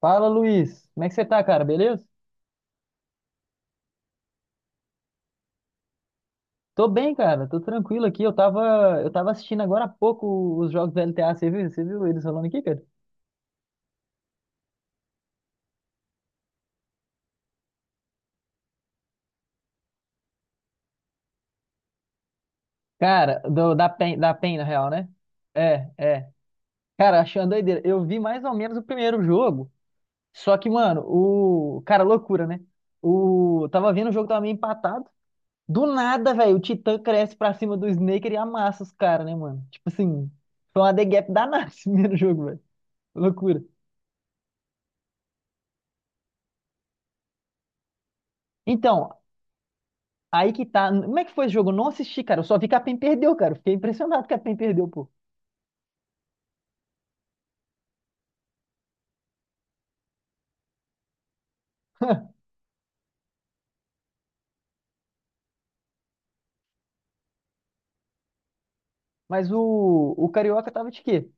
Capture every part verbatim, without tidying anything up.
Fala, Luiz. Como é que você tá, cara? Beleza? Tô bem, cara. Tô tranquilo aqui. Eu tava, eu tava assistindo agora há pouco os jogos da L T A. Você viu? Você viu eles rolando aqui, cara? Cara, do- da PEN, da PEN, na real, né? É, é. Cara, achando uma doideira. Eu vi mais ou menos o primeiro jogo. Só que, mano, o... cara, loucura, né? O... Tava vendo o jogo, tava meio empatado. Do nada, velho, o Titã cresce pra cima do Snaker e amassa os caras, né, mano? Tipo assim, foi uma The Gap danada esse primeiro jogo, velho. Loucura. Então, aí que tá. Como é que foi esse jogo? Eu não assisti, cara. Eu só vi que a PEN perdeu, cara. Eu fiquei impressionado que a PEN perdeu, pô. Mas o, o Carioca tava de quê?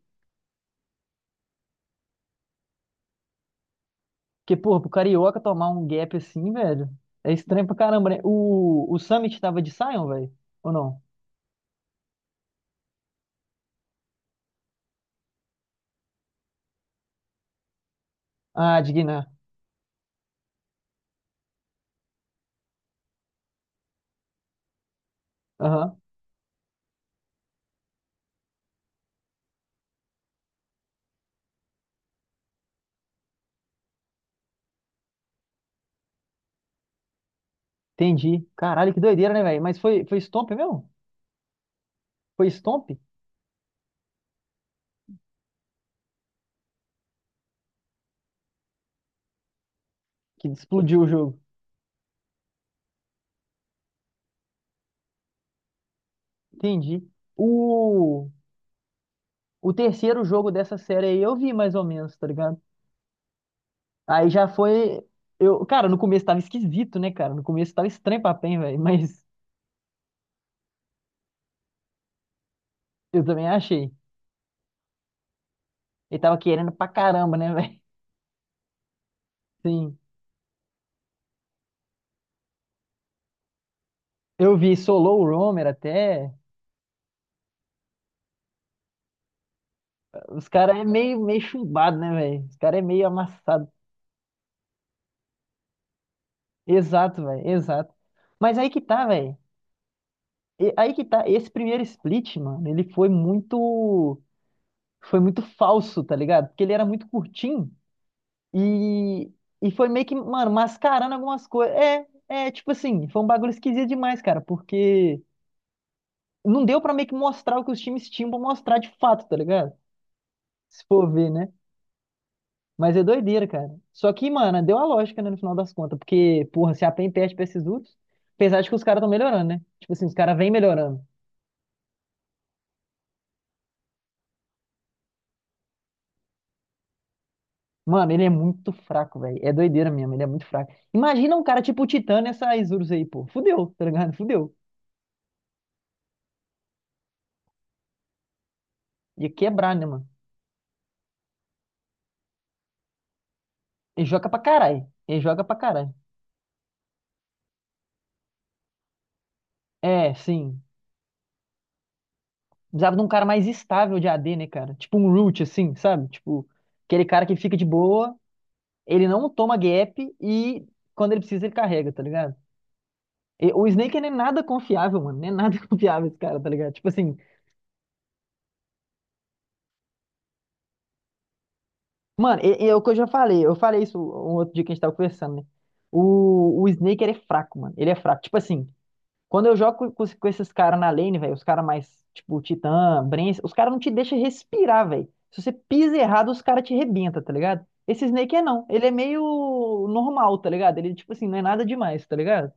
Porque, pô, pro Carioca tomar um gap assim, velho, é estranho pra caramba, né? O, o Summit tava de Sion, velho? Ou não? Ah, de Guiné. Aham. Entendi. Caralho, que doideira, né, velho? Mas foi, foi Stomp mesmo? Foi Stomp que explodiu o jogo. Entendi. O, o terceiro jogo dessa série aí eu vi mais ou menos, tá ligado? Aí já foi. Eu, cara, no começo tava esquisito, né, cara? No começo tava estranho pra PEN, velho. Mas eu também achei. Ele tava querendo pra caramba, né, velho? Sim. Eu vi Solo o Roamer até. Os caras é meio, meio chumbado, né, velho? Os caras é meio amassado. Exato, velho. Exato. Mas aí que tá, velho. E- Aí que tá. Esse primeiro split, mano, ele foi muito. Foi muito falso, tá ligado? Porque ele era muito curtinho. E, e foi meio que, mano, mascarando algumas coisas. É, é, tipo assim, foi um bagulho esquisito demais, cara, porque não deu pra meio que mostrar o que os times tinham pra mostrar de fato, tá ligado? Se for ver, né? Mas é doideira, cara. Só que, mano, deu a lógica, né, no final das contas, porque, porra, se a PEN perde pra esses outros, apesar de que os caras estão melhorando, né? Tipo assim, os caras vêm melhorando. Mano, ele é muito fraco, velho. É doideira mesmo, ele é muito fraco. Imagina um cara tipo o Titã nessa Isurus aí, pô. Fudeu, tá ligado? Fudeu. Ia quebrar, né, mano? Ele joga pra caralho. Ele joga pra caralho. É, sim. Precisava de um cara mais estável de A D, né, cara? Tipo um root, assim, sabe? Tipo, aquele cara que fica de boa, ele não toma gap e quando ele precisa ele carrega, tá ligado? E o Snake não é nada confiável, mano. Não é nada confiável esse cara, tá ligado? Tipo assim, mano, e, e é o que eu já falei. Eu falei isso um outro dia que a gente tava conversando, né? O, o Snake, ele é fraco, mano. Ele é fraco. Tipo assim, quando eu jogo com, com esses caras na lane, velho, os caras mais, tipo, Titã, Brence, os caras não te deixam respirar, velho. Se você pisa errado, os caras te rebentam, tá ligado? Esse Snake é não. Ele é meio normal, tá ligado? Ele, tipo assim, não é nada demais, tá ligado?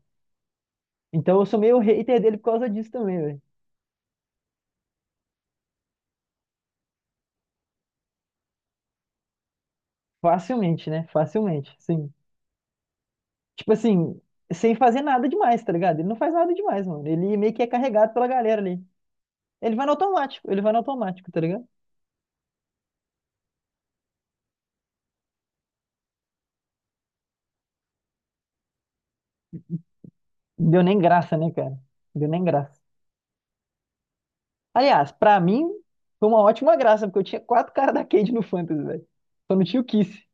Então eu sou meio hater dele por causa disso também, velho. Facilmente, né? Facilmente, sim. Tipo assim, sem fazer nada demais, tá ligado? Ele não faz nada demais, mano. Ele meio que é carregado pela galera ali. Ele vai no automático, ele vai no automático, tá ligado? Deu nem graça, né, cara? Deu nem graça. Aliás, pra mim, foi uma ótima graça, porque eu tinha quatro caras da Cade no Fantasy, velho. Só não tinha o Kiss.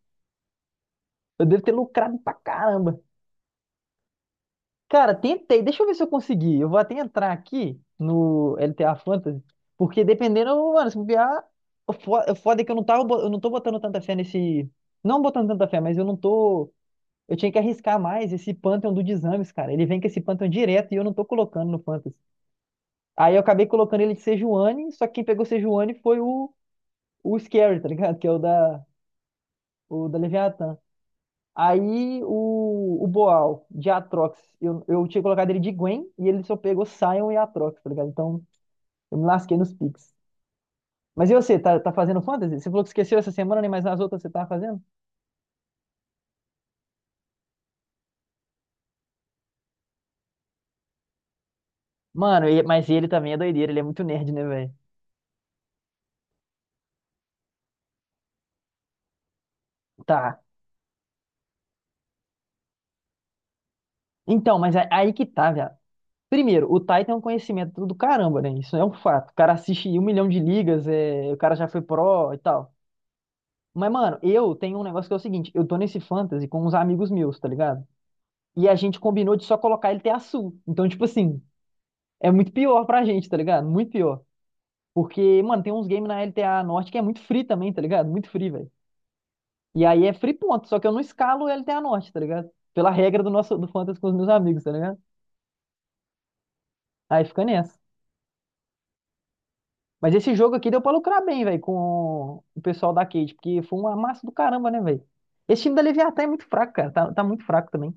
Eu devo ter lucrado pra caramba. Cara, tentei. Deixa eu ver se eu consegui. Eu vou até entrar aqui no L T A Fantasy, porque dependendo, mano, se bobear, o fo- o foda é que eu não tava, bo- eu não tô botando tanta fé nesse, não botando tanta fé, mas eu não tô, eu tinha que arriscar mais esse Pantheon do Dizames, cara. Ele vem com esse Pantheon direto e eu não tô colocando no Fantasy. Aí eu acabei colocando ele de Sejuani, só que quem pegou Sejuani foi o o Scary, tá ligado? Que é o da, o da Leviatã. Aí o, o Boal de Atrox, eu, eu tinha colocado ele de Gwen e ele só pegou Sion e Atrox, tá ligado? Então eu me lasquei nos picks. Mas e você, tá, tá fazendo fantasy? Você falou que esqueceu essa semana, né? Mas nas outras você tá fazendo? Mano, e- mas ele também é doideira, ele é muito nerd, né, velho? Tá. Então, mas a- aí que tá, velho. Primeiro, o Tai tem um conhecimento do caramba, né? Isso é um fato. O cara assiste um milhão de ligas, é... o cara já foi pro e tal. Mas, mano, eu tenho um negócio que é o seguinte, eu tô nesse fantasy com uns amigos meus, tá ligado? E a gente combinou de só colocar ele ter azul. Então, tipo assim, é muito pior pra gente, tá ligado? Muito pior. Porque, mano, tem uns games na L T A Norte que é muito free também, tá ligado? Muito free, velho. E aí é free ponto, só que eu não escalo o L T A Norte, tá ligado? Pela regra do nosso do fantasy com os meus amigos, tá ligado? Aí fica nessa. Mas esse jogo aqui deu pra lucrar bem, velho, com o pessoal da Cade, porque foi uma massa do caramba, né, velho? Esse time da Leviatã é muito fraco, cara. Tá, tá muito fraco também.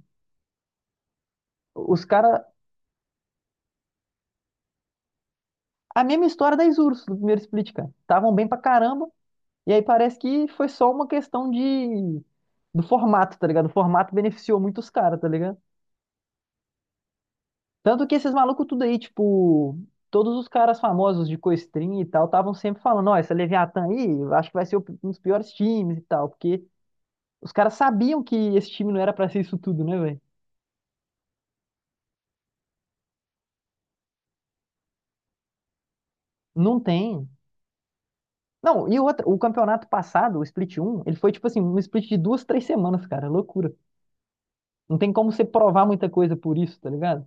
Os caras a mesma história da Isurus, do primeiro split, cara. Estavam bem pra caramba, e aí parece que foi só uma questão de... do formato, tá ligado? O formato beneficiou muito os caras, tá ligado? Tanto que esses malucos tudo aí, tipo, todos os caras famosos de Coestrin e tal, estavam sempre falando, ó, essa Leviatã aí, eu acho que vai ser um dos piores times e tal, porque os caras sabiam que esse time não era pra ser isso tudo, né, velho? Não tem. Não, e outra, o campeonato passado, o Split um ele foi, tipo assim, um split de duas, três semanas, cara, é loucura. Não tem como você provar muita coisa por isso, tá ligado?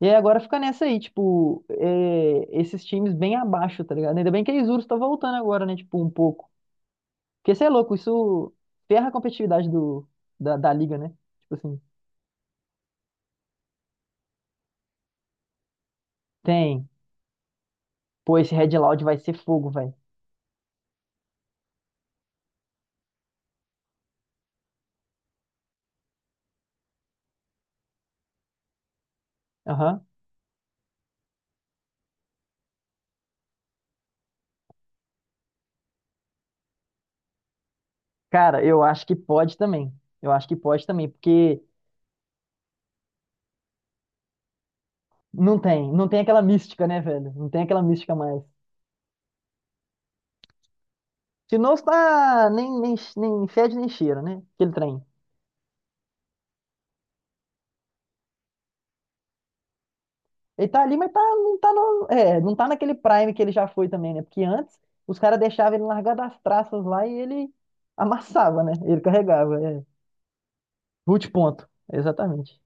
E aí agora fica nessa aí, tipo, é, esses times bem abaixo, tá ligado? Ainda bem que a Isurus tá voltando agora, né? Tipo, um pouco. Porque você é louco, isso ferra a competitividade do, da, da liga, né? Tipo assim, tem. Pô, esse Red Loud vai ser fogo, velho. Aham. Cara, eu acho que pode também. Eu acho que pode também, porque não tem, não tem aquela mística, né, velho? Não tem aquela mística mais. Se não está nem, nem, nem fede nem cheira, né? Aquele trem. Ele tá ali, mas tá, não tá no, é, não tá naquele prime que ele já foi também, né? Porque antes os caras deixavam ele largar das traças lá e ele amassava, né? Ele carregava. É. Root ponto. Exatamente.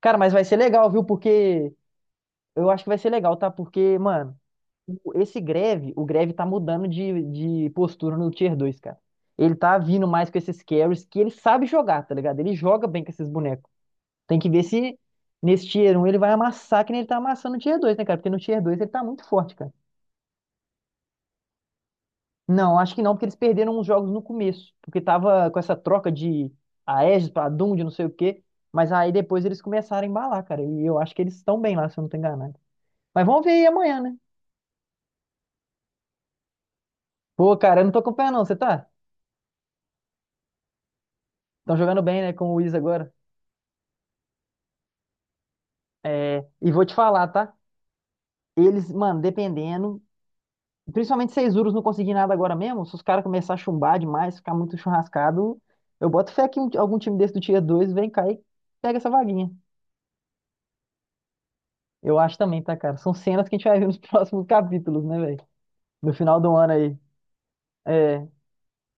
Cara, mas vai ser legal, viu? Porque eu acho que vai ser legal, tá? Porque, mano, o- esse Greve, o Greve tá mudando de, de postura no Tier dois, cara. Ele tá vindo mais com esses carries que ele sabe jogar, tá ligado? Ele joga bem com esses bonecos. Tem que ver se nesse Tier um ele vai amassar que nem ele tá amassando no Tier dois, né, cara? Porque no Tier dois ele tá muito forte, cara. Não, acho que não, porque eles perderam uns jogos no começo, porque tava com essa troca de Aegis pra Doom, de não sei o quê, mas aí depois eles começaram a embalar, cara, e eu acho que eles estão bem lá, se eu não tô enganado. Mas vamos ver aí amanhã, né? Pô, cara, eu não tô acompanhando não, você tá? Estão jogando bem, né, com o Wiz agora. É, e vou te falar, tá? Eles, mano, dependendo, principalmente se Urus não conseguir nada agora mesmo, se os caras começar a chumbar demais, ficar muito churrascado, eu boto fé que um- algum time desse do Tier dois vem cá e pega essa vaguinha. Eu acho também, tá, cara? São cenas que a gente vai ver nos próximos capítulos, né, velho? No final do ano aí. É,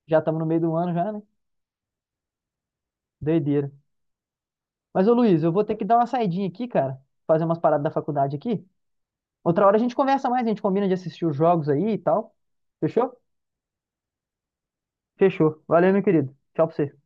já estamos no meio do ano já, né? Doideira. Mas, ô Luiz, eu vou ter que dar uma saidinha aqui, cara. Fazer umas paradas da faculdade aqui. Outra hora a gente conversa mais, a gente combina de assistir os jogos aí e tal. Fechou? Fechou. Valeu, meu querido. Tchau pra você.